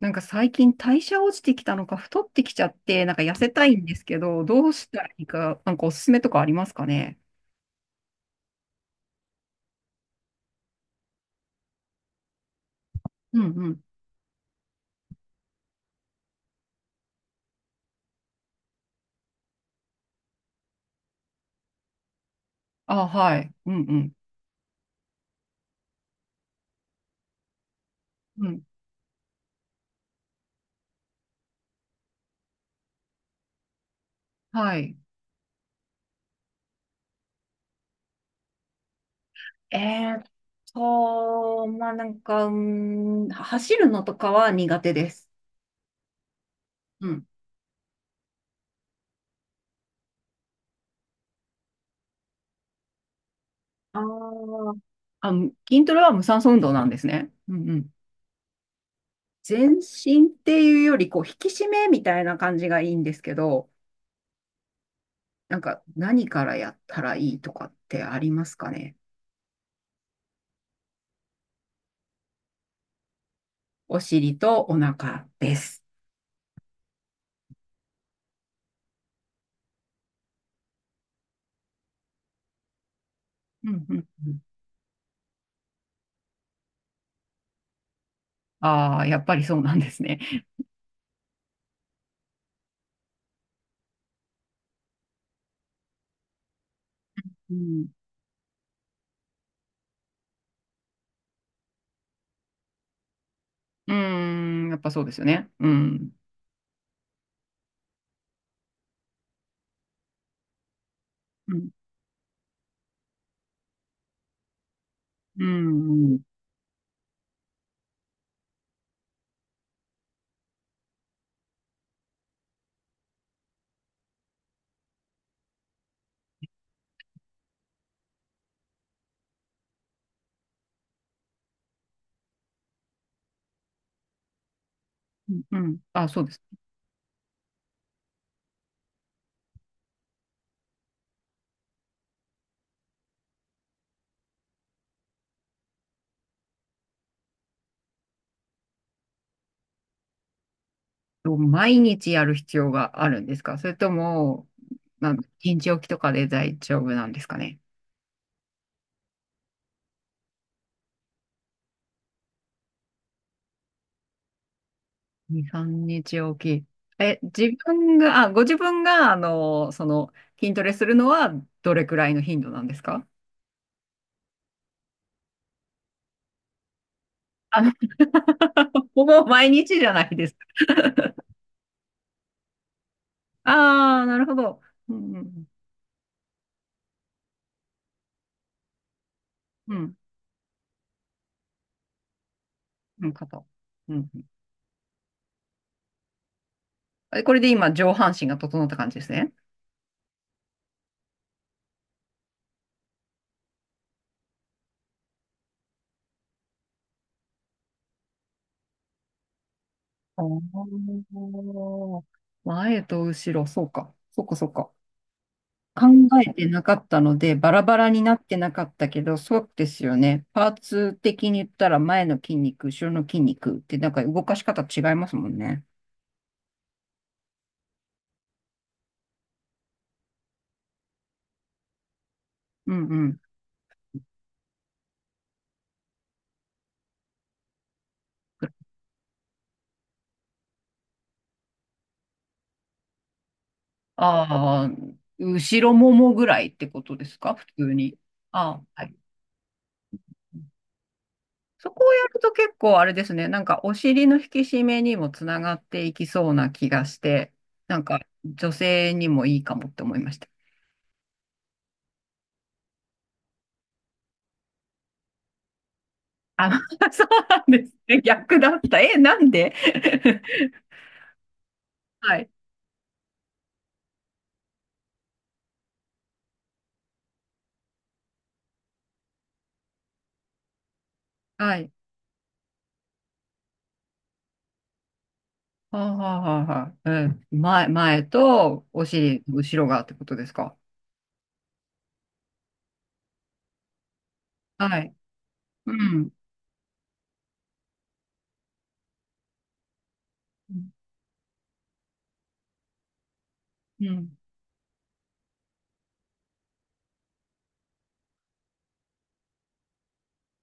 なんか最近代謝落ちてきたのか太ってきちゃって、なんか痩せたいんですけど、どうしたらいいか、なんかおすすめとかありますかね？うんうん。あ、はい。うんうん。うん。はい。えーっまあなんか、走るのとかは苦手です。うん。あー。筋トレは無酸素運動なんですね。うんうん。全身っていうより、こう、引き締めみたいな感じがいいんですけど、なんか、何からやったらいいとかってありますかね？お尻とお腹です。うんうんうん。ああ、やっぱりそうなんですね。うん。うーん、やっぱそうですよね。うん。うん。うん。うん。うん。あ、そうです。毎日やる必要があるんですか？それとも、一日おきとかで大丈夫なんですかね。2、3日おき。え、自分が、あ、ご自分が、筋トレするのはどれくらいの頻度なんですか？あの、 ほぼ毎日じゃないですああ、なるほど。うん、うん、うん、うん、肩。うん。え、これで今、上半身が整った感じですね。ああ、前と後ろ、そうか。そうか、そうか。考えてなかったので、バラバラになってなかったけど、そうですよね。パーツ的に言ったら、前の筋肉、後ろの筋肉って、なんか動かし方違いますもんね。うんうん。ああ、後ろももぐらいってことですか？普通に。ああ、はい。そこをやると結構あれですね、なんかお尻の引き締めにもつながっていきそうな気がして、なんか女性にもいいかもって思いました。あ、そうなんですね。逆だった。え、なんで？ はい。はい。はあ、はあはあはあ、うん、前、前とお尻、後ろがってことですか。はい。うん。うん。うん。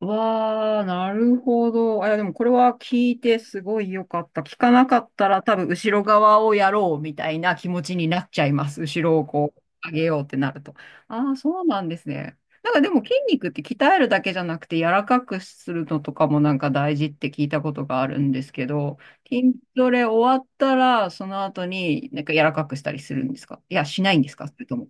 わあ、なるほど。あ、いや、でもこれは聞いてすごい良かった。聞かなかったら多分後ろ側をやろうみたいな気持ちになっちゃいます。後ろをこう上げようってなると。ああ、そうなんですね。なんかでも筋肉って鍛えるだけじゃなくて柔らかくするのとかもなんか大事って聞いたことがあるんですけど、筋トレ終わったらその後になんか柔らかくしたりするんですか？いや、しないんですか？それとも。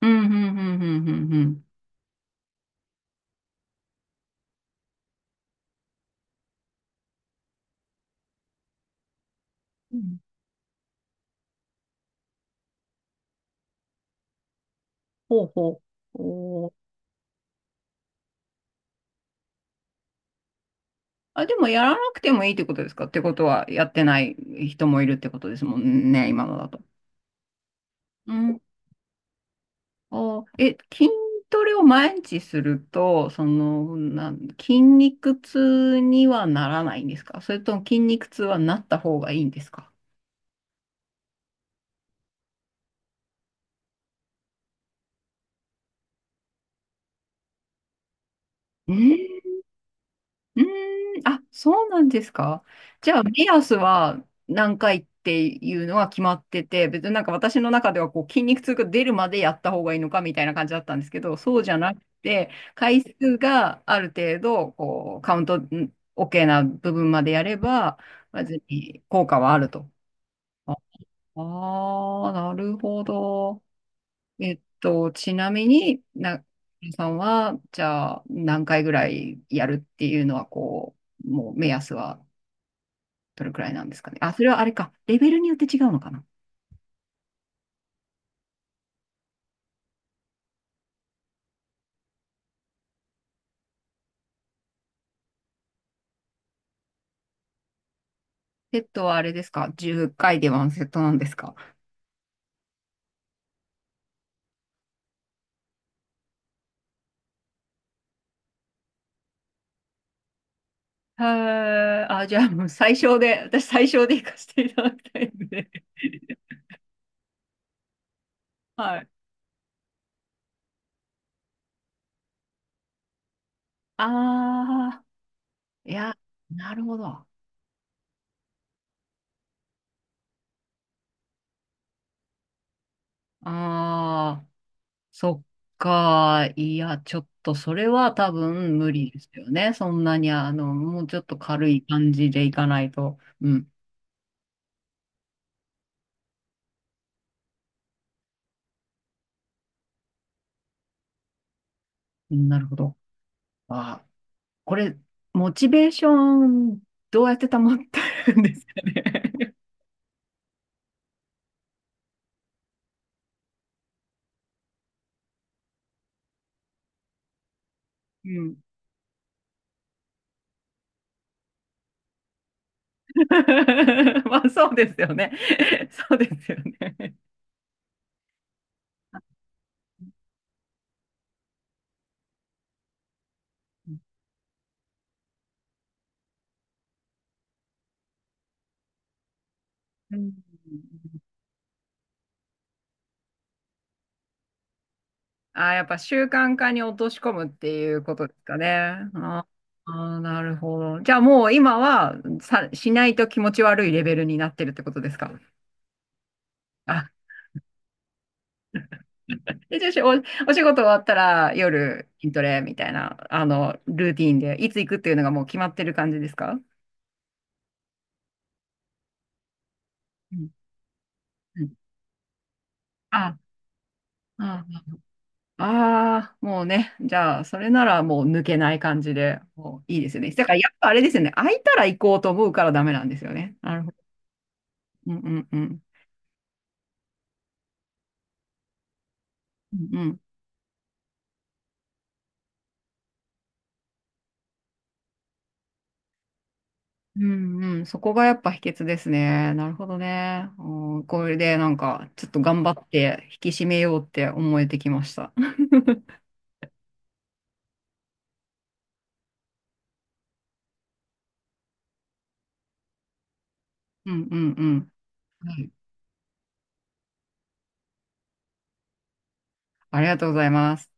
うん、うん、うん、うん、うん、うん。うん。ほうほう。お。あ、でもやらなくてもいいってことですか？ってことは、やってない人もいるってことですもんね、今のだと。うん。筋トレを毎日すると、その、筋肉痛にはならないんですか？それとも筋肉痛はなった方がいいんですか？ん。うーん、あ、そうなんですか。じゃあ、目安は何回っていうのは決まってて、別になんか私の中ではこう筋肉痛が出るまでやった方がいいのかみたいな感じだったんですけど、そうじゃなくて、回数がある程度、こう、カウントん OK な部分までやれば、別に効果はあると。ああー、なるほど。ちなみに、さんは、じゃあ、何回ぐらいやるっていうのは、こう、もう目安はどれくらいなんですかね。あ、それはあれか。レベルによって違うのかな。セットはあれですか？ 10 回でワンセットなんですか？へえ、あ、じゃあもう最小で、私最小で行かせていただきたいんで。はい。ああ、いや、なるほど。ああ、そっか。いや、ちょっとそれは多分無理ですよね。そんなに、もうちょっと軽い感じでいかないと。うん。なるほど。まあ、これ、モチベーション、どうやって保ってるんですかね。うん。まあ、そうですよね。そうですよね。うん。あ、やっぱ習慣化に落とし込むっていうことですかね。ああ、なるほど。じゃあもう今はしないと気持ち悪いレベルになってるってことですか？あ、で、じゃあしお、お仕事終わったら夜筋トレみたいな、ルーティーンで、いつ行くっていうのがもう決まってる感じですか？うんうん。あ、ああー、もうね。じゃあ、それならもう抜けない感じで、もういいですよね。だからやっぱあれですよね。空いたら行こうと思うからダメなんですよね。なるほど。うんうんうん。うんうんうん。うん、そこがやっぱ秘訣ですね。なるほどね。うん、これでなんか、ちょっと頑張って引き締めようって思えてきました。うんうんうん。はい。ありがとうございます。